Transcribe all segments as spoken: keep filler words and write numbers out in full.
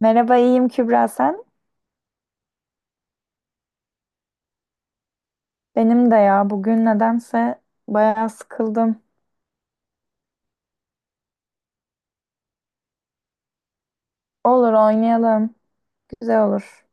Merhaba, iyiyim Kübra sen? Benim de ya, bugün nedense bayağı sıkıldım. Olur, oynayalım. Güzel olur.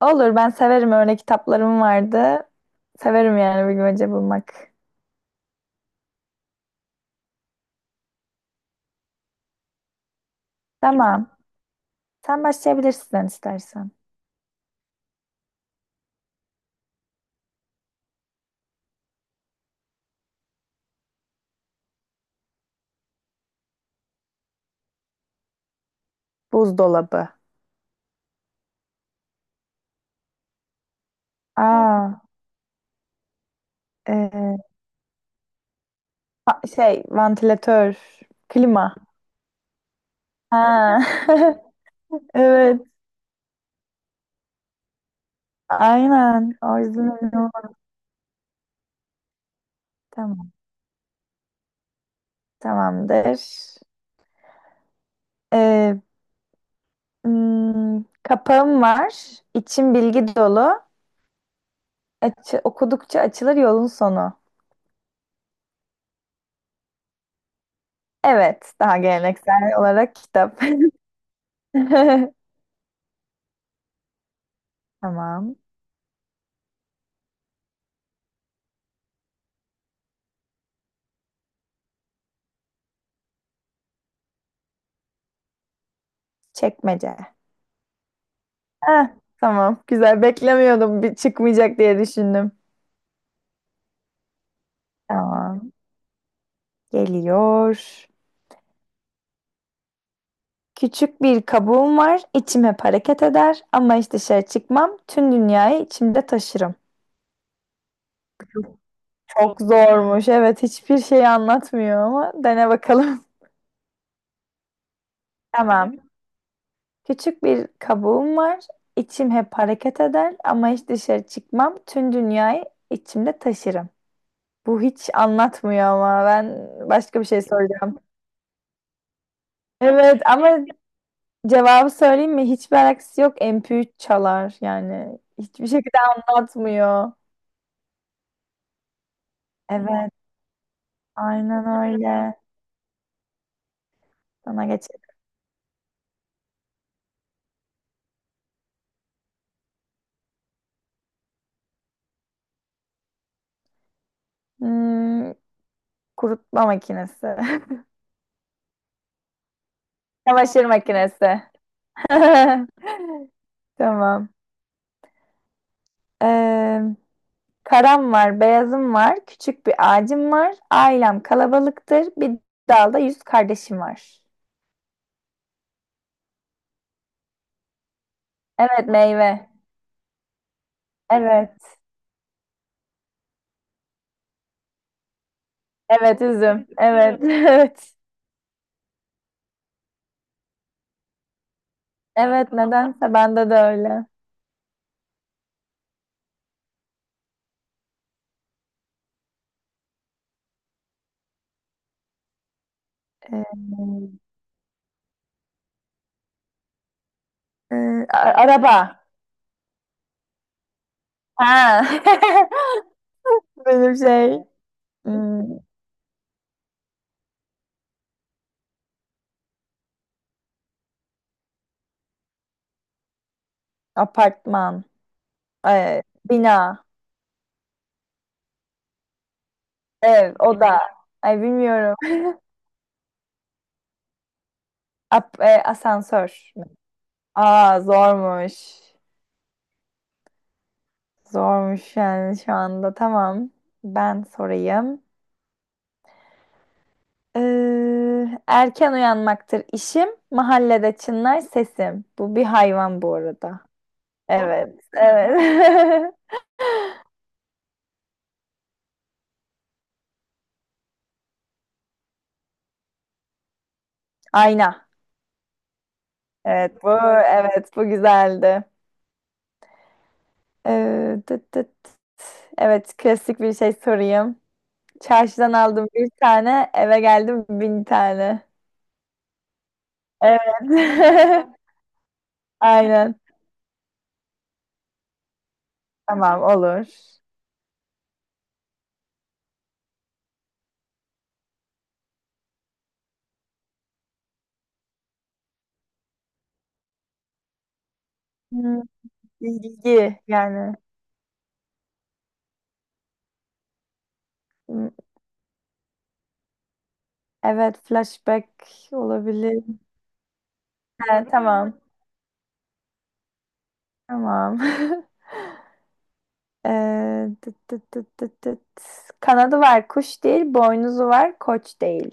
Olur, ben severim, öyle kitaplarım vardı. Severim yani bilmece bulmak. Tamam. Sen başlayabilirsin istersen. Buzdolabı. Aa, e, ha- şey vantilatör, klima. Ha. Evet. Aynen. O yüzden öyle oldu. Tamam. Tamamdır. E, Hmm, kapağım var. İçim bilgi dolu. Açı, okudukça açılır yolun sonu. Evet, daha geleneksel olarak kitap. Tamam. Çekmece. Heh, tamam. Güzel. Beklemiyordum. Bir çıkmayacak diye düşündüm. Tamam. Geliyor. Küçük bir kabuğum var. İçim hep hareket eder. Ama hiç dışarı çıkmam. Tüm dünyayı içimde taşırım. Çok zormuş. Evet, hiçbir şey anlatmıyor ama dene bakalım. Tamam. Küçük bir kabuğum var. İçim hep hareket eder ama hiç dışarı çıkmam. Tüm dünyayı içimde taşırım. Bu hiç anlatmıyor ama ben başka bir şey soracağım. Evet ama cevabı söyleyeyim mi? Hiçbir alakası yok. M P üç çalar yani. Hiçbir şekilde anlatmıyor. Evet, aynen öyle. Sana geçelim. Hmm, kurutma makinesi. Çamaşır makinesi. Tamam. Ee, karam var, beyazım var, küçük bir ağacım var. Ailem kalabalıktır. Bir dalda yüz kardeşim var. Evet, meyve. Evet. Evet, üzüm. Evet, evet. Evet, nedense bende de öyle. Ee, e, a- araba. Ha. Benim şey. Hmm, apartman. Ee, bina. Ev, oda. Ay bilmiyorum. Ap- e, asansör. Aa, zormuş. Zormuş yani şu anda. Tamam. Ben sorayım. Ee, erken uyanmaktır işim, mahallede çınlar sesim. Bu bir hayvan bu arada. Evet, evet. Ayna. Evet, bu evet, bu güzeldi. Ee, tıt tıt. Evet, klasik bir şey sorayım. Çarşıdan aldım bir tane, eve geldim bin tane. Evet. Aynen. Tamam, olur. Hmm, bilgi yani. Hmm. Evet, flashback olabilir. He, tamam. Tamam. Ee, tıt tıt tıt tıt tıt. Kanadı var, kuş değil. Boynuzu var, koç değil.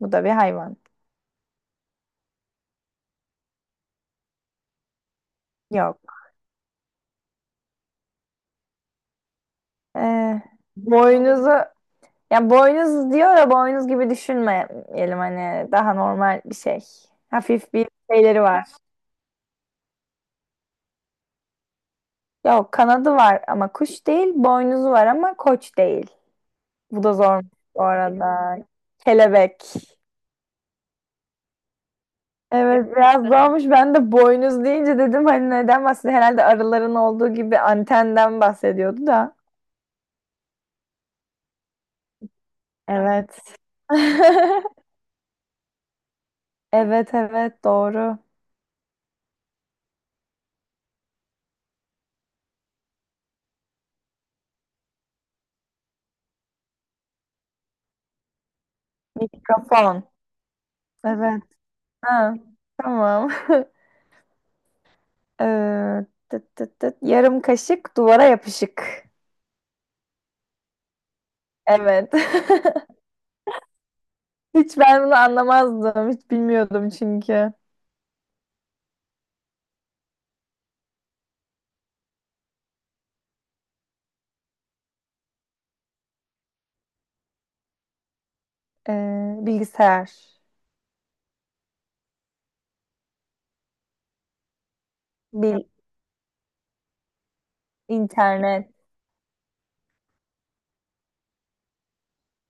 Bu da bir hayvan. Yok. Ee, boynuzu, ya boynuz diyor da boynuz gibi düşünmeyelim hani, daha normal bir şey. Hafif bir şeyleri var. Yok, kanadı var ama kuş değil. Boynuzu var ama koç değil. Bu da zor bu arada. Kelebek. Evet, biraz zormuş. Ben de boynuz deyince dedim hani neden bahsediyor? Herhalde arıların olduğu gibi antenden bahsediyordu da. Evet. Evet, evet doğru. Mikrofon. Evet. Ha, tamam. Ee, tıt tıt tıt. Yarım kaşık duvara yapışık. Evet. Hiç ben bunu anlamazdım. Hiç bilmiyordum çünkü. Ee, bilgisayar. Bil internet.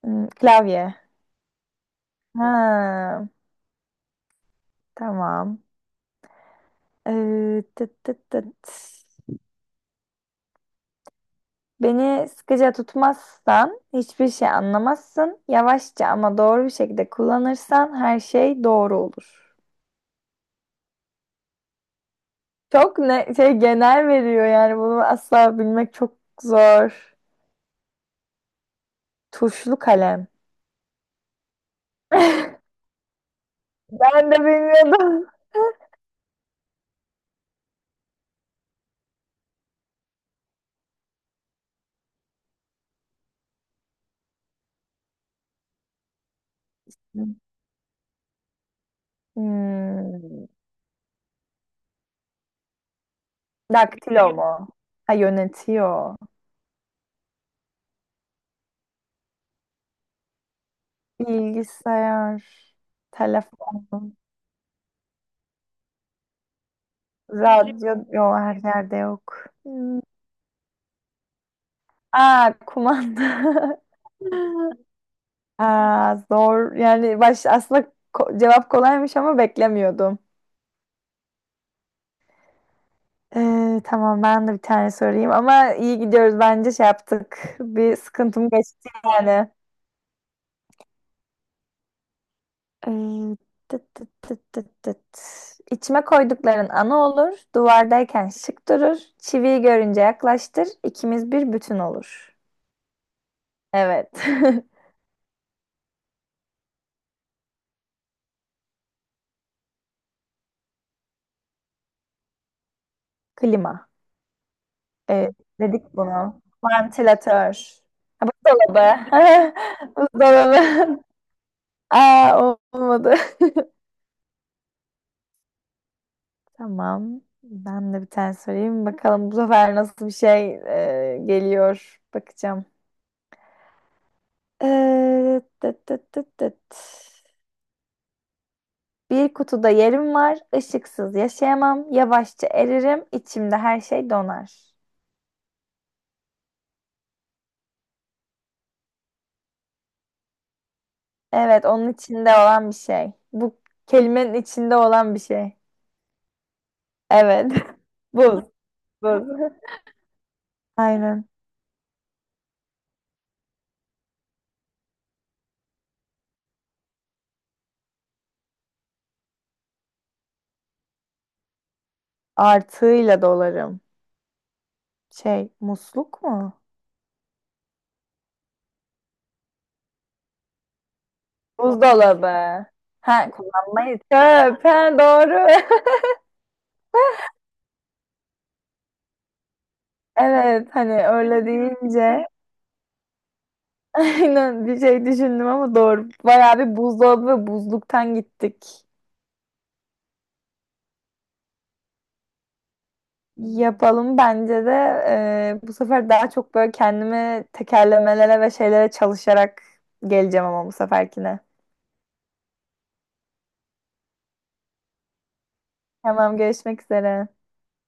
Hmm, klavye. Ha, tamam. Ee, tıt tıt tıt. Beni sıkıca tutmazsan hiçbir şey anlamazsın. Yavaşça ama doğru bir şekilde kullanırsan her şey doğru olur. Çok ne şey genel veriyor yani, bunu asla bilmek çok zor. Tuşlu kalem. Ben de bilmiyordum. Hmm. Daktilo mu? Ha, yönetiyor. Bilgisayar, telefon, radyo yok, her yerde yok. Hmm. Aa, kumanda. Aa, zor. Yani baş aslında ko- cevap kolaymış ama beklemiyordum. Ee, tamam, ben de bir tane sorayım ama iyi gidiyoruz, bence şey yaptık. Bir sıkıntım geçti yani. Ee, tıt tıt tıt tıt tıt. İçime koydukların ana olur, duvardayken şık durur, çiviyi görünce yaklaştır, ikimiz bir bütün olur. Evet. Klima. Evet, dedik bunu. Vantilatör. Ha, buzdolabı. Buzdolabı. Aa, olmadı. Tamam. Ben de bir tane sorayım. Bakalım bu sefer nasıl bir şey e, geliyor. Bakacağım. Ee, tıt tıt tıt tıt. Bir kutuda yerim var. Işıksız yaşayamam. Yavaşça eririm. İçimde her şey donar. Evet, onun içinde olan bir şey. Bu kelimenin içinde olan bir şey. Evet. Buz. Buz. Aynen. Artığıyla dolarım. Şey, musluk mu? Buzdolabı. Ha, kullanmayı. Çöp. Ha, doğru. Evet, hani öyle deyince aynen, bir şey düşündüm ama doğru. Bayağı bir buzdolabı ve buzluktan gittik. Yapalım bence de, e, bu sefer daha çok böyle kendimi tekerlemelere ve şeylere çalışarak geleceğim ama bu seferkine. Tamam, görüşmek üzere.